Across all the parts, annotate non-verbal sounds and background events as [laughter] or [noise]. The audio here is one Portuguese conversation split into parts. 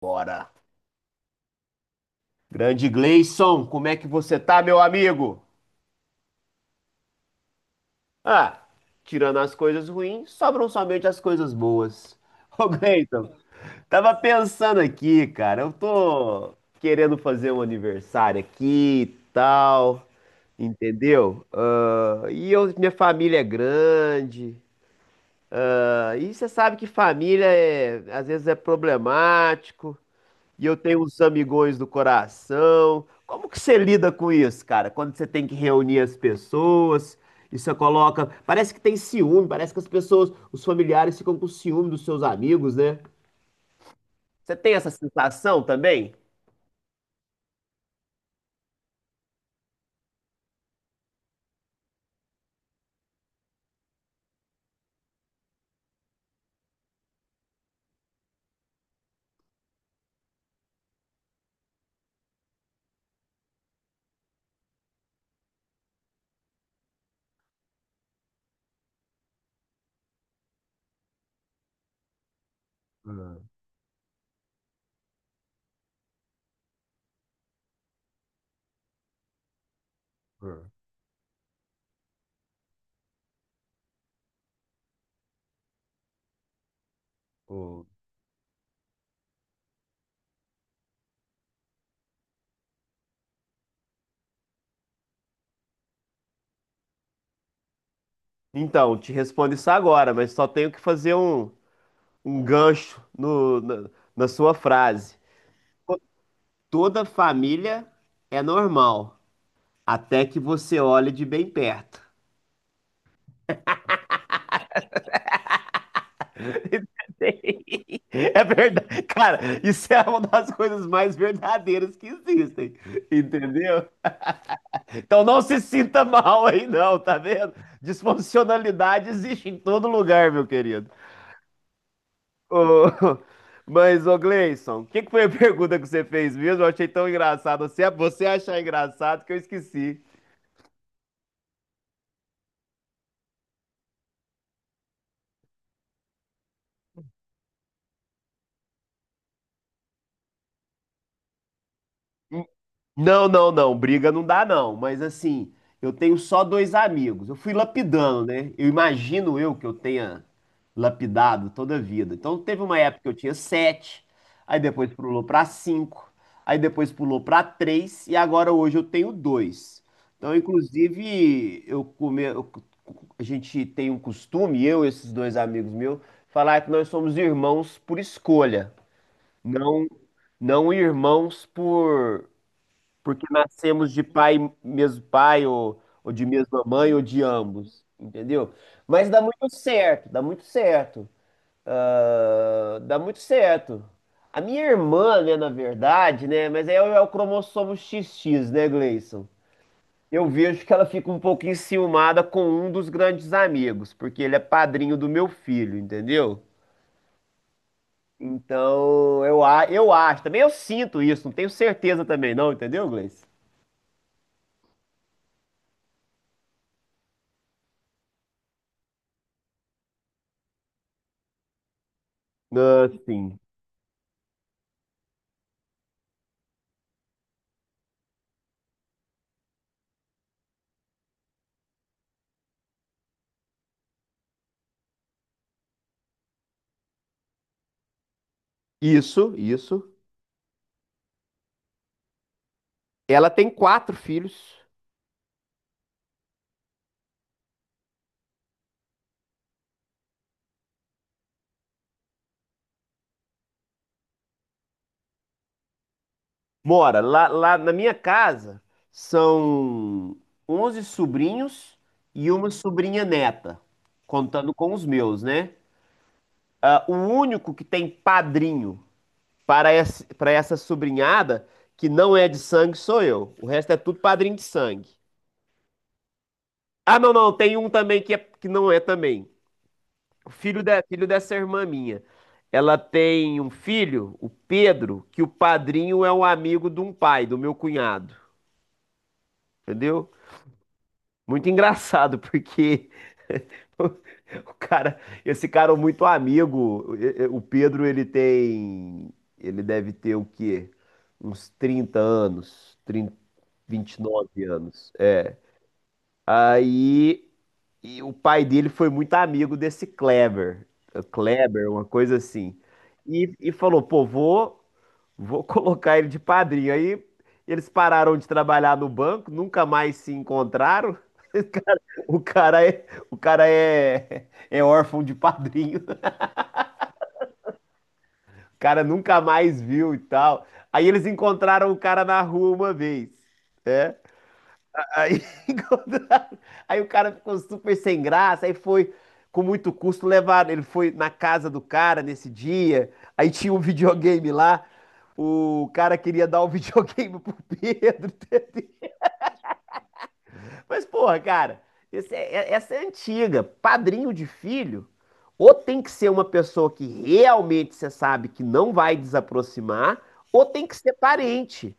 Bora. Grande Gleison, como é que você tá, meu amigo? Ah, tirando as coisas ruins, sobram somente as coisas boas. [laughs] Ô, Gleison, tava pensando aqui, cara, eu tô querendo fazer um aniversário aqui e tal, entendeu? Ah, e eu, minha família é grande. Ah, e você sabe que família é, às vezes é problemático. E eu tenho uns amigões do coração. Como que você lida com isso, cara? Quando você tem que reunir as pessoas, e você coloca. Parece que tem ciúme, parece que as pessoas, os familiares ficam com ciúme dos seus amigos, né? Você tem essa sensação também? Hum, hum, hum. Então, te respondo isso agora, mas só tenho que fazer um gancho na sua frase. Toda família é normal, até que você olhe de bem perto. [laughs] [laughs] É verdade. Cara, isso é uma das coisas mais verdadeiras que existem, entendeu? Então não se sinta mal aí, não, tá vendo? Disfuncionalidade existe em todo lugar, meu querido. Ô, [laughs] mas, ô Gleison, o que que foi a pergunta que você fez mesmo? Eu achei tão engraçado. Você achar engraçado que eu esqueci. Não, não, não, briga não dá não, mas assim, eu tenho só dois amigos. Eu fui lapidando, né? Eu imagino eu que eu tenha lapidado toda a vida. Então teve uma época que eu tinha sete, aí depois pulou para cinco, aí depois pulou para três e agora hoje eu tenho dois. Então, inclusive, a gente tem um costume, eu e esses dois amigos meus, falar que nós somos irmãos por escolha, não não irmãos porque nascemos de pai, mesmo pai, ou de mesma mãe, ou de ambos, entendeu? Mas dá muito certo, dá muito certo. Ah, dá muito certo. A minha irmã, né, na verdade, né, mas aí é o cromossomo XX, né, Gleison? Eu vejo que ela fica um pouco enciumada com um dos grandes amigos, porque ele é padrinho do meu filho, entendeu? Então, eu acho, também eu sinto isso, não tenho certeza também não, entendeu, Gleice? Ah, sim. Isso, isso. Ela tem quatro filhos. Mora lá, lá na minha casa são 11 sobrinhos e uma sobrinha neta, contando com os meus, né? Ah, o único que tem padrinho para essa sobrinhada que não é de sangue sou eu. O resto é tudo padrinho de sangue. Ah, não, não, tem um também que, é, que não é também. O filho, de, filho dessa irmã minha. Ela tem um filho, o Pedro, que o padrinho é um amigo de um pai, do meu cunhado. Entendeu? Muito engraçado, porque [laughs] o cara, esse cara é muito amigo. O Pedro, ele tem. Ele deve ter o quê? Uns 30 anos, 30, nove anos. É, aí e o pai dele foi muito amigo desse Kleber, Kleber, uma coisa assim. E falou: pô, vou [laughs] colocar ele de padrinho. Aí eles pararam de trabalhar no banco, nunca mais se encontraram. [laughs] O cara é, é órfão de padrinho. [laughs] O cara nunca mais viu e tal. Aí eles encontraram o cara na rua uma vez. É. Aí, [laughs] encontraram- aí o cara ficou super sem graça, aí foi com muito custo levar, ele foi na casa do cara nesse dia, aí tinha um [laughs] videogame lá, o cara queria dar o videogame [laughs] pro Pedro. Mas, porra, cara, essa é antiga. Padrinho de filho, ou tem que ser uma pessoa que realmente você sabe que não vai desaproximar, ou tem que ser parente.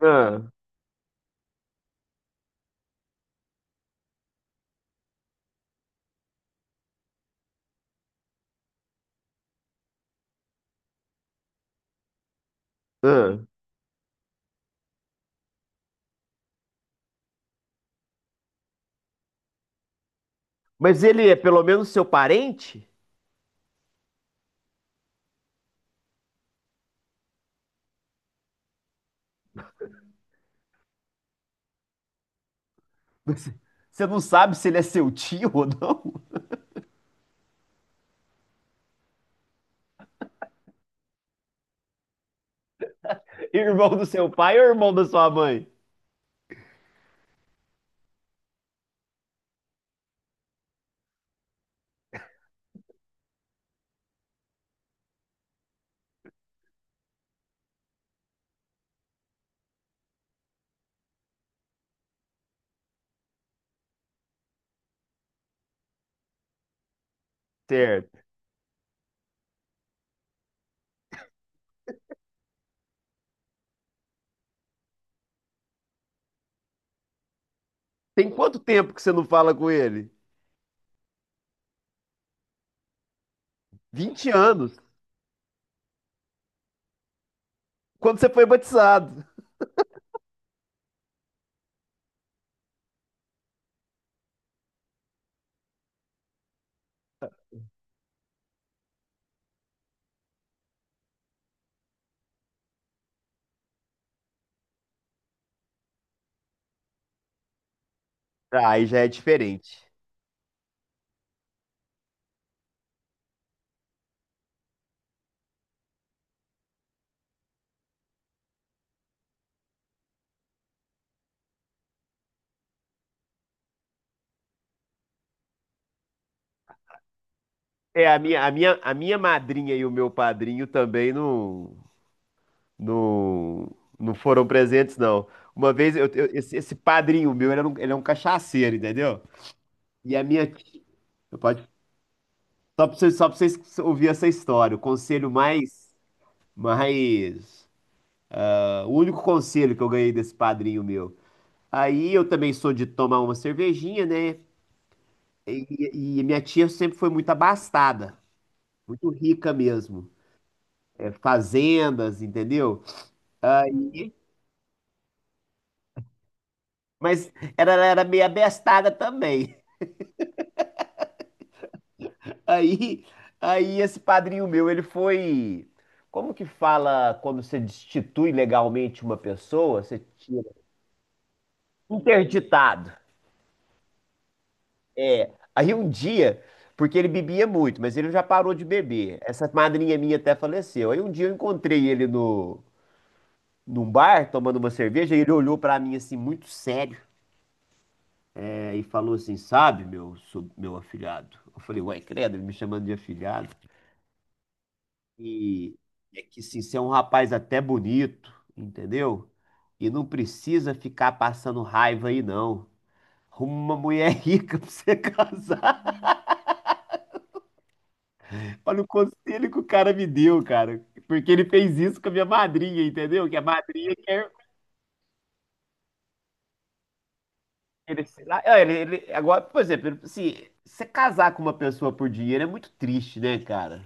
Ah, ah. Mas ele é pelo menos seu parente? Você você não sabe se ele é seu tio ou não? [laughs] Irmão do seu pai ou irmão da sua mãe? Certo. Tem quanto tempo que você não fala com ele? 20 anos. Quando você foi batizado? Ah, aí já é diferente. É, a minha madrinha e o meu padrinho também não, não foram presentes, não. Uma vez, esse, esse padrinho meu, ele é um cachaceiro, entendeu? E a minha tia, pode, só pra vocês ouvirem essa história, o conselho mais, o único conselho que eu ganhei desse padrinho meu. Aí eu também sou de tomar uma cervejinha, né? E minha tia sempre foi muito abastada, muito rica mesmo. É, fazendas, entendeu? Mas era, ela era meio abestada também. [laughs] Aí, aí esse padrinho meu, ele foi. Como que fala quando você destitui legalmente uma pessoa? Você tira. Interditado. Aí um dia, porque ele bebia muito, mas ele já parou de beber. Essa madrinha minha até faleceu. Aí um dia eu encontrei ele no, num bar, tomando uma cerveja, e ele olhou pra mim assim, muito sério, é, e falou assim: sabe, meu, meu afilhado? Eu falei, uai, credo, ele me chamando de afilhado. E é que sim, você é um rapaz até bonito, entendeu? E não precisa ficar passando raiva aí, não. Arruma uma mulher rica [laughs] pra você casar. Olha o conselho que o cara me deu, cara. Porque ele fez isso com a minha madrinha, entendeu? Que a madrinha quer. Ele, sei lá, ah, agora, por exemplo, assim, você casar com uma pessoa por dinheiro é muito triste, né, cara?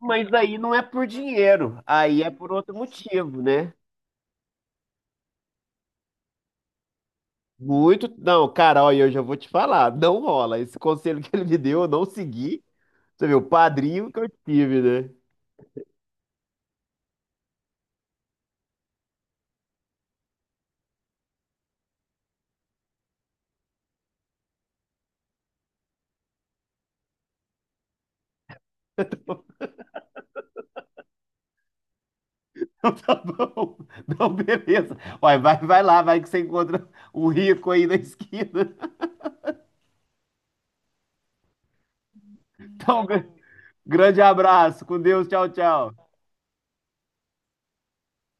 Mas aí não é por dinheiro, aí é por outro motivo, né? Muito. Não, cara, olha, eu já vou te falar. Não rola. Esse conselho que ele me deu, eu não segui. Você viu, o padrinho que eu tive, né? [laughs] Então, tá bom. Não, beleza. Olha, vai, vai lá, vai que você encontra um rico aí na esquina. Então, grande abraço. Com Deus. Tchau, tchau.